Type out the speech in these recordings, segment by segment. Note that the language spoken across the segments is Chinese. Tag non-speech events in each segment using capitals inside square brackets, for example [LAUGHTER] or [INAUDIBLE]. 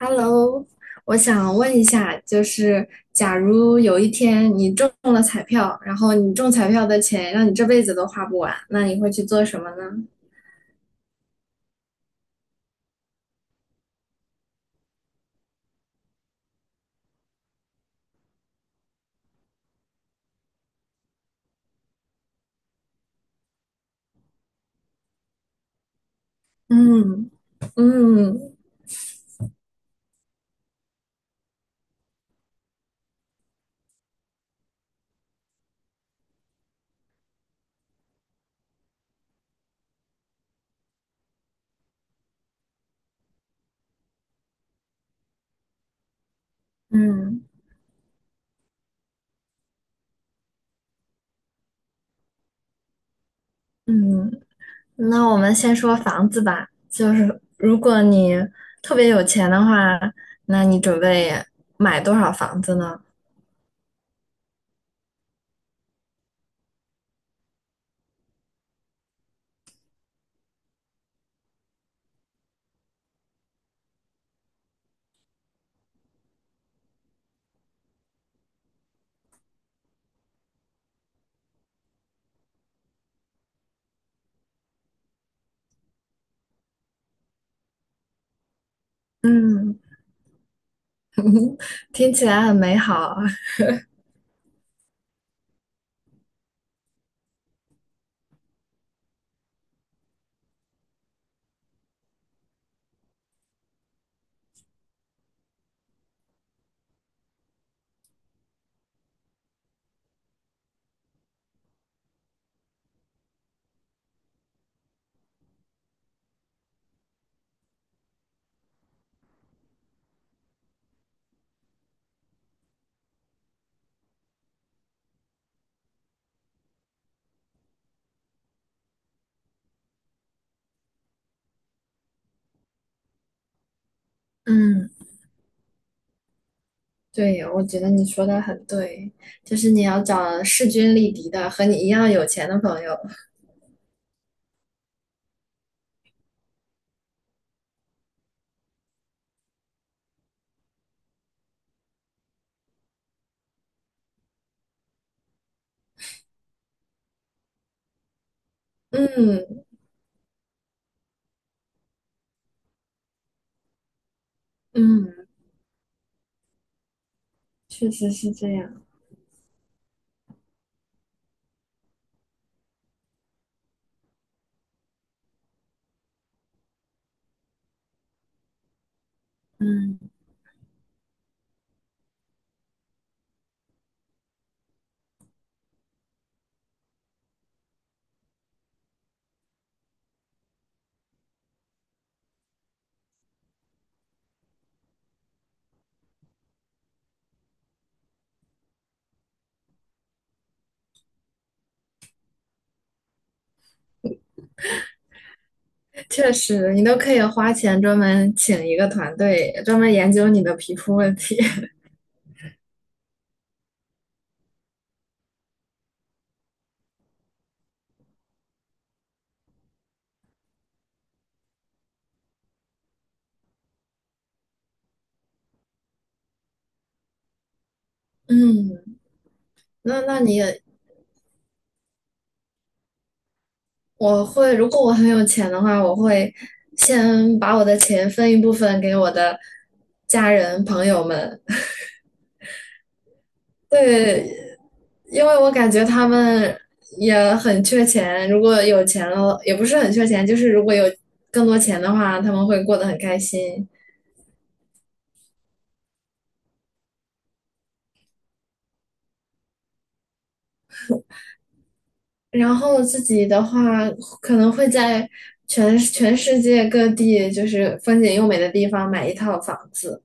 Hello，我想问一下，就是假如有一天你中了彩票，然后你中彩票的钱让你这辈子都花不完，那你会去做什么呢？嗯嗯嗯嗯，那我们先说房子吧。就是如果你特别有钱的话，那你准备买多少房子呢？嗯，听起来很美好。[LAUGHS] 嗯。对，我觉得你说的很对，就是你要找势均力敌的和你一样有钱的朋友。嗯。嗯，确实是这样。嗯，确实，你都可以花钱专门请一个团队，专门研究你的皮肤问题。[LAUGHS] 嗯，那你也我会，如果我很有钱的话，我会先把我的钱分一部分给我的家人朋友们，对，因为我感觉他们也很缺钱，如果有钱了，也不是很缺钱，就是如果有更多钱的话，他们会过得很开心。然后自己的话，可能会在全世界各地，就是风景优美的地方买一套房子。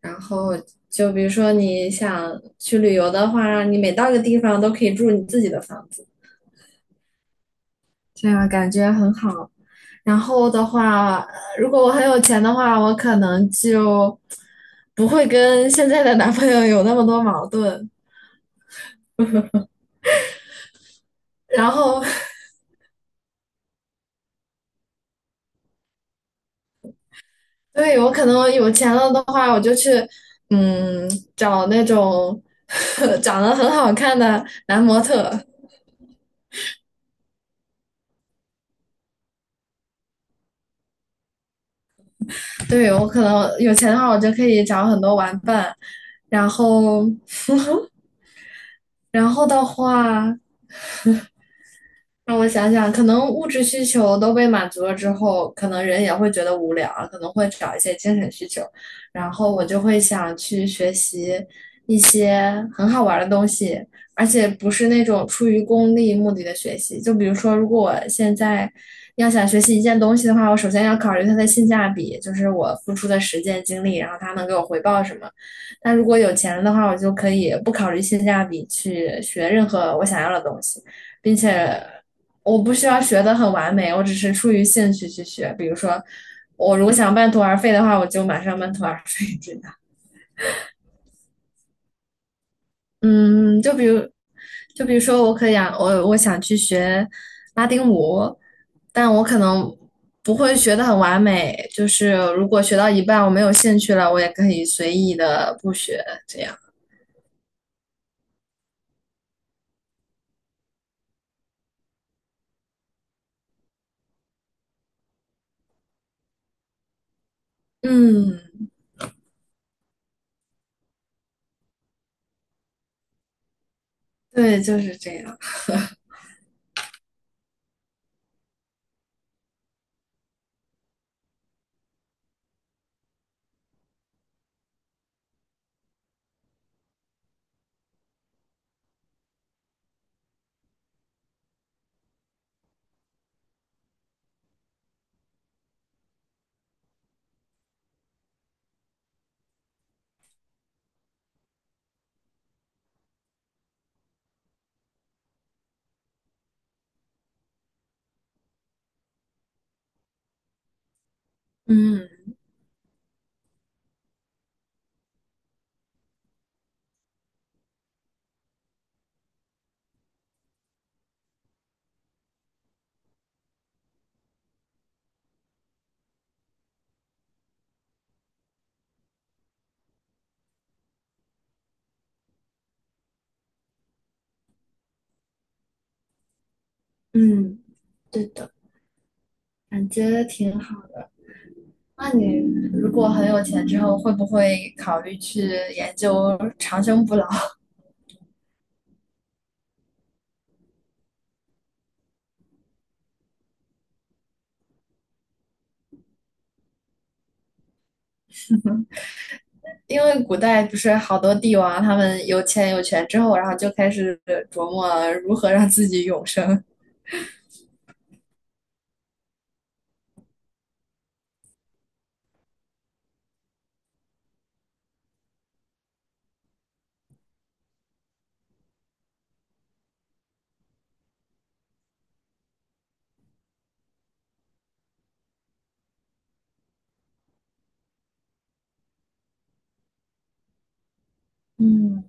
然后就比如说你想去旅游的话，你每到一个地方都可以住你自己的房子。这样感觉很好。然后的话，如果我很有钱的话，我可能就不会跟现在的男朋友有那么多矛盾。然后，[LAUGHS] 对，我可能有钱了的话，我就去嗯找那种 [LAUGHS] 长得很好看的男模特。对，我可能有钱的话，我就可以找很多玩伴。然后，然后的话。让我想想，可能物质需求都被满足了之后，可能人也会觉得无聊啊，可能会找一些精神需求。然后我就会想去学习一些很好玩的东西，而且不是那种出于功利目的的学习。就比如说，如果我现在要想学习一件东西的话，我首先要考虑它的性价比，就是我付出的时间精力，然后它能给我回报什么。但如果有钱了的话，我就可以不考虑性价比去学任何我想要的东西，并且。我不需要学的很完美，我只是出于兴趣去学。比如说，我如果想半途而废的话，我就马上半途而废，真的。嗯，就比如，就比如说，我可以啊，我想去学拉丁舞，但我可能不会学的很完美。就是如果学到一半我没有兴趣了，我也可以随意的不学，这样。嗯，对，就是这样。嗯。嗯，对的，感觉挺好。那你如果很有钱之后，会不会考虑去研究长生不老？[LAUGHS] 因为古代不是好多帝王，他们有钱有权之后，然后就开始琢磨如何让自己永生。嗯。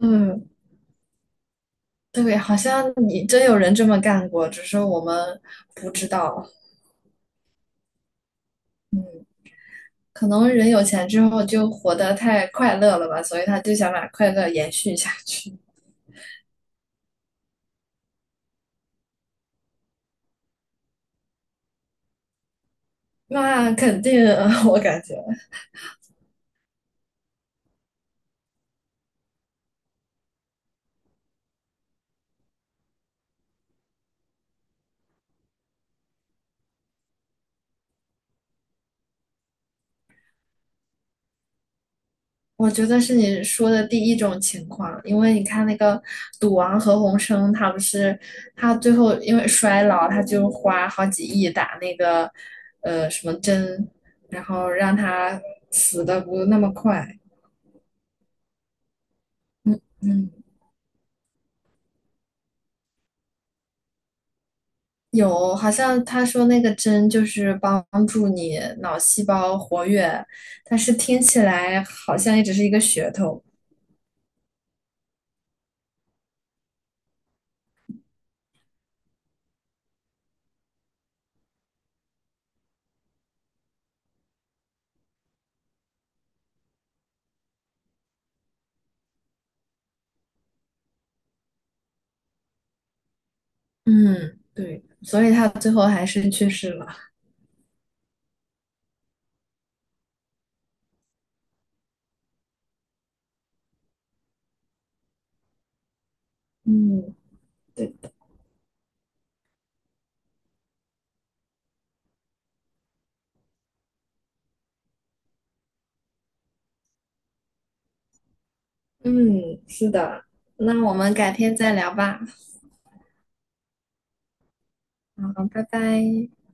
嗯，对，好像你真有人这么干过，只是我们不知道。可能人有钱之后就活得太快乐了吧，所以他就想把快乐延续下去。那肯定，[LAUGHS] 我感觉。我觉得是你说的第一种情况，因为你看那个赌王何鸿燊，他不是他最后因为衰老，他就花好几亿打那个什么针，然后让他死的不那么快。嗯。嗯，有，好像他说那个针就是帮助你脑细胞活跃，但是听起来好像也只是一个噱头。嗯，对，所以他最后还是去世了。嗯。对。嗯，是的，那我们改天再聊吧。好，拜拜。